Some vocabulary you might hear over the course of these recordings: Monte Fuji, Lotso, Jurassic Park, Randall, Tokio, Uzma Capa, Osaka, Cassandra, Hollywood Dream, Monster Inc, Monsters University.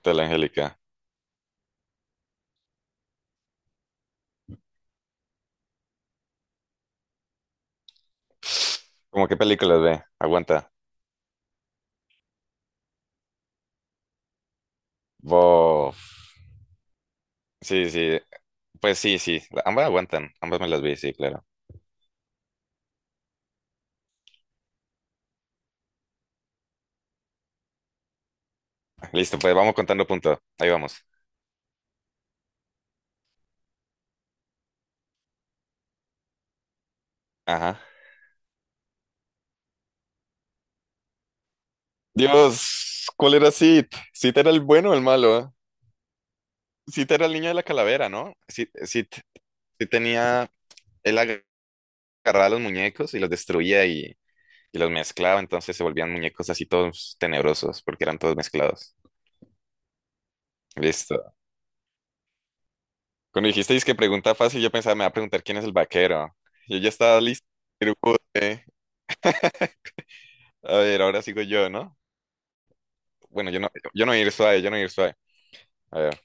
Tal Angélica. ¿Cómo qué películas ve? Aguanta. Bof. Sí, sí. Pues sí, sí. Ambas aguantan. Ambas me las vi, sí, claro. Listo, pues vamos contando punto. Ahí vamos. Ajá. Dios, ¿cuál era Sid? Sid era el bueno o el malo. ¿Eh? Sid era el niño de la calavera, ¿no? Sid, Sid, Sid tenía. Él agarraba los muñecos y los destruía y los mezclaba, entonces se volvían muñecos así todos tenebrosos porque eran todos mezclados. Listo. Cuando dijisteis que pregunta fácil, yo pensaba, me va a preguntar quién es el vaquero. Yo ya estaba listo. Pero, eh, a ver, ahora sigo yo, ¿no? Bueno, yo no voy a ir suave, yo no voy a ir suave. A ver.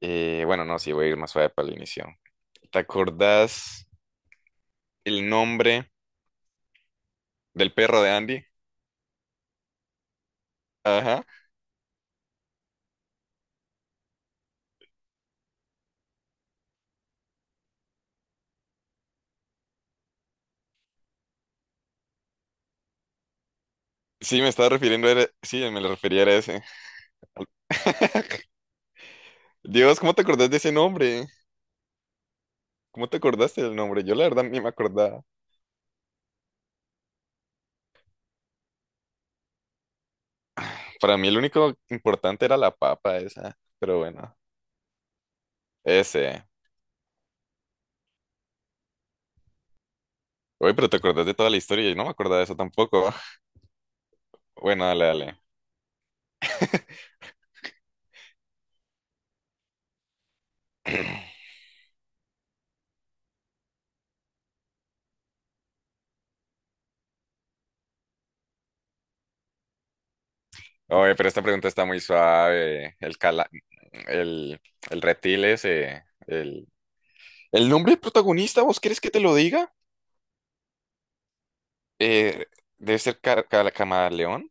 Bueno, no, sí, voy a ir más suave para el inicio. ¿Te acordás el nombre del perro de Andy? Ajá. Sí, me estaba refiriendo. Sí, me lo refería a ese. Dios, ¿cómo te acordás de ese nombre? ¿Cómo te acordaste del nombre? Yo la verdad ni me acordaba. Para mí el único importante era la papa esa. Pero bueno, ese. Oye, pero te acordás de toda la historia y no me acordaba de eso tampoco. Bueno, dale, dale. Oye, pero esta pregunta está muy suave. El, el reptil ese, el nombre del protagonista. ¿Vos querés que te lo diga? Eh, Debe ser Camaleón.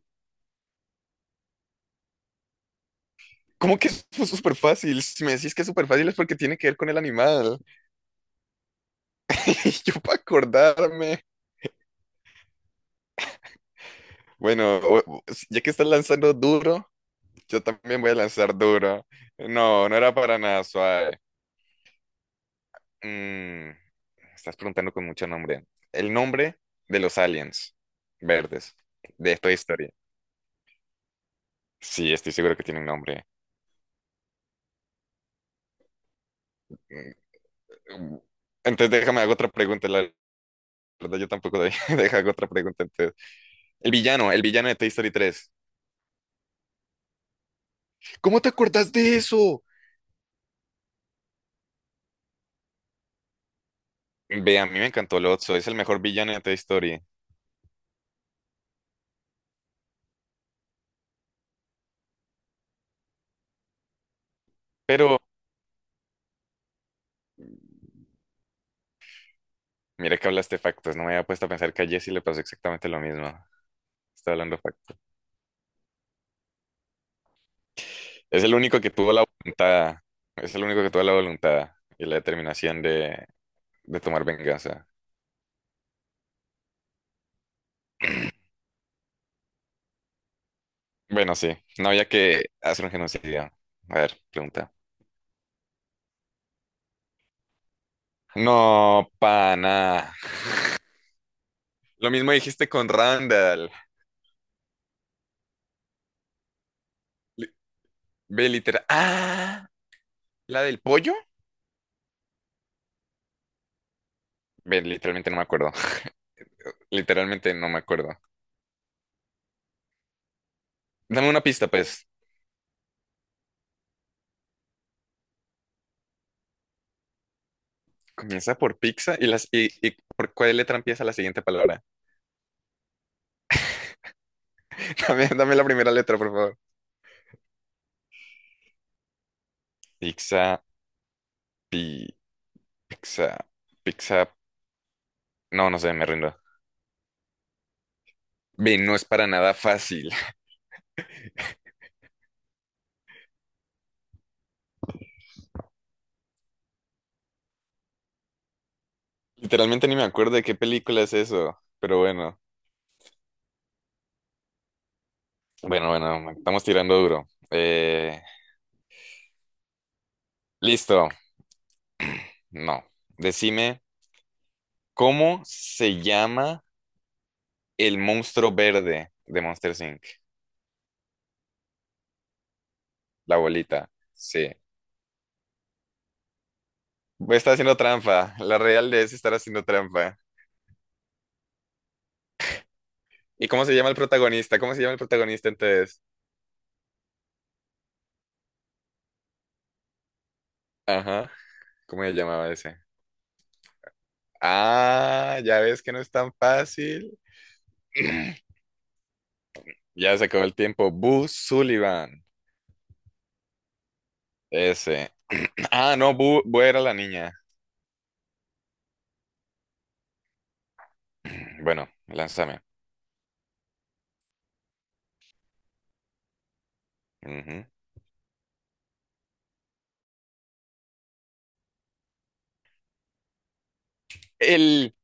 ¿Cómo que es súper fácil? Si me decís que es súper fácil es porque tiene que ver con el animal. Y yo para acordarme. Bueno, ya que estás lanzando duro, yo también voy a lanzar duro. No, no era para nada suave. Mm, estás preguntando con mucho nombre. El nombre de los aliens verdes de esta historia. Sí, estoy seguro que tienen nombre. Mm, Entonces déjame hago otra pregunta. La verdad yo tampoco doy. Deja hago otra pregunta entonces. El villano de Toy Story 3. ¿Cómo te acordás de eso? Ve, a mí me encantó Lotso, es el mejor villano de Toy Story. Pero mira que hablaste factos, no me había puesto a pensar que a Jessie le pasó exactamente lo mismo. Está hablando. Es el único que tuvo la voluntad, es el único que tuvo la voluntad y la determinación de tomar venganza. Bueno, sí, no había que hacer un genocidio. A ver, pregunta. No, pana. Lo mismo dijiste con Randall. Li- Ve, literal. Ah, la del pollo. Ve, literalmente no me acuerdo. Literalmente no me acuerdo. Dame una pista, pues. Comienza por pizza y las y por cuál letra empieza la siguiente palabra. Dame la primera letra, por favor. Pizza, pi. Pizza, pizza, no, no sé, me rindo. Ve, no es para nada fácil. Literalmente ni me acuerdo de qué película es eso, pero bueno, bueno, bueno, estamos tirando duro. Eh, listo, no. Decime, ¿cómo se llama el monstruo verde de Monster Inc? La bolita, sí. Voy haciendo trampa, la real de es estar haciendo trampa. ¿Y cómo se llama el protagonista? ¿Cómo se llama el protagonista entonces? Ajá, ¿cómo se llamaba ese? Ah, ya ves que no es tan fácil. Ya se acabó el tiempo. Boo Sullivan. Ese. Ah, no, Boo, Boo era la niña. Bueno, lánzame. Ujú. El,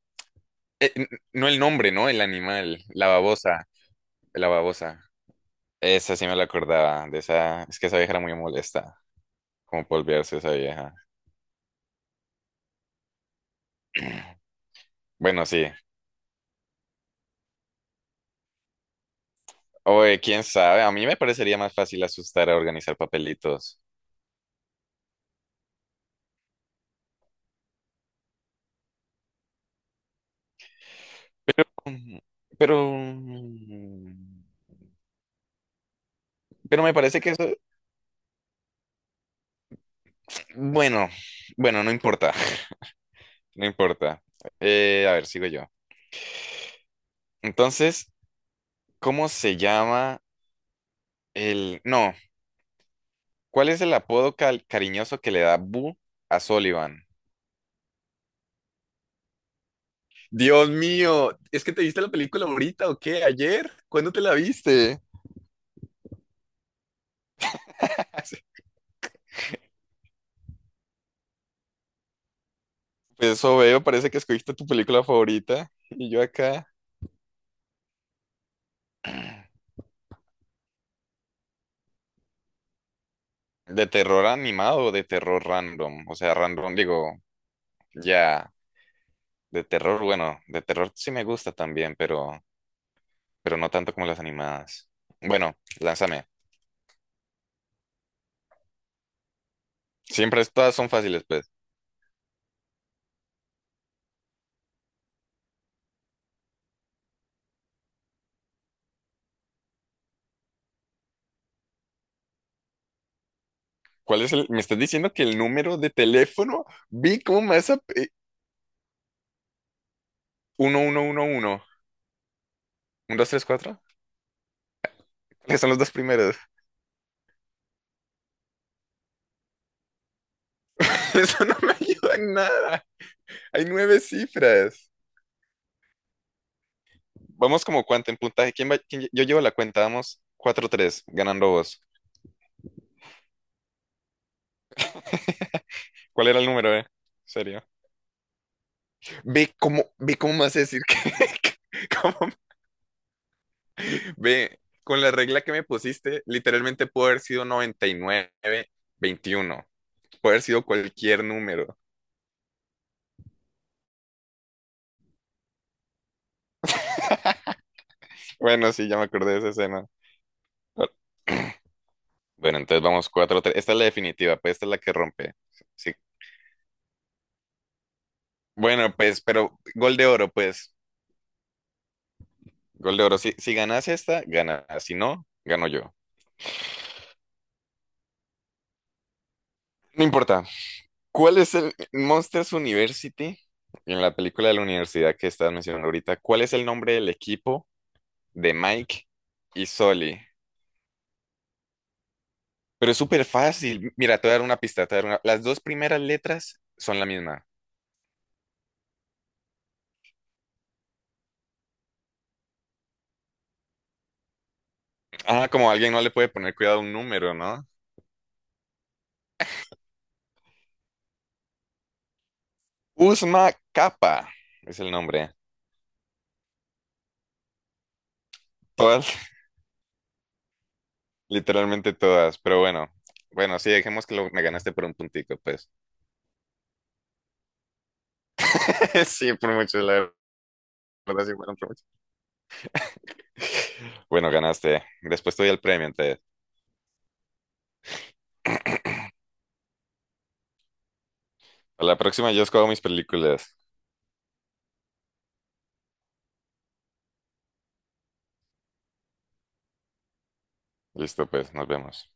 eh, n- no el nombre, ¿no? El animal. La babosa. La babosa. Esa sí me la acordaba. De esa, es que esa vieja era muy molesta. Como por olvidarse esa vieja. Bueno, sí. Oye, quién sabe. A mí me parecería más fácil asustar a organizar papelitos. Mm, Pero. Pero me parece que eso. Bueno, bueno, no importa. No importa. A ver, sigo yo. Entonces, ¿cómo se llama el... No, ¿cuál es el apodo cariñoso que le da Boo a Sullivan? Dios mío, ¿es que te viste la película ahorita o qué? ¿Ayer? ¿Cuándo te la viste? Pues eso veo, parece que escogiste tu película favorita. Y yo acá, de terror animado o de terror random. O sea, random, digo, ya, de terror, bueno, de terror sí me gusta también, pero no tanto como las animadas. Bueno, lánzame. Siempre todas son fáciles, pues. ¿Cuál es el? Me estás diciendo que el número de teléfono, vi cómo me vas a pe- Uno 1, 2 3 cuatro. ¿Cuáles son los dos primeros? Eso no me ayuda en nada. Hay nueve cifras. Vamos como cuánto en puntaje. ¿Quién va? Yo llevo la cuenta, vamos 4-3 ganando vos. ¿Cuál era el número, eh? Serio. Ve cómo me vas a decir que, que- cómo, ve, con la regla que me pusiste, literalmente pudo haber sido 9921. Puede haber sido cualquier número. Bueno, sí, ya me acordé de esa escena. Ah, bueno, entonces vamos 4-3. Esta es la definitiva, pues esta es la que rompe. Sí. Bueno, pues, pero gol de oro, pues. Gol de oro. Si ganas esta, gana. Si no, gano yo. No importa. ¿Cuál es el Monsters University? En la película de la universidad que estás mencionando ahorita, ¿cuál es el nombre del equipo de Mike y Sully? Pero es súper fácil. Mira, te voy a dar una pista, te voy a dar una- Las dos primeras letras son la misma. Ah, como alguien no le puede poner cuidado a un número, ¿no? Uzma Capa es el nombre. Todas, literalmente todas, pero bueno. Bueno, sí, dejemos que me ganaste por un puntico, pues. Sí, por mucho, la verdad, sí, fueron por mucho. Bueno, ganaste. Después te doy el premio, entonces. A la próxima yo escojo mis películas. Listo, pues, nos vemos.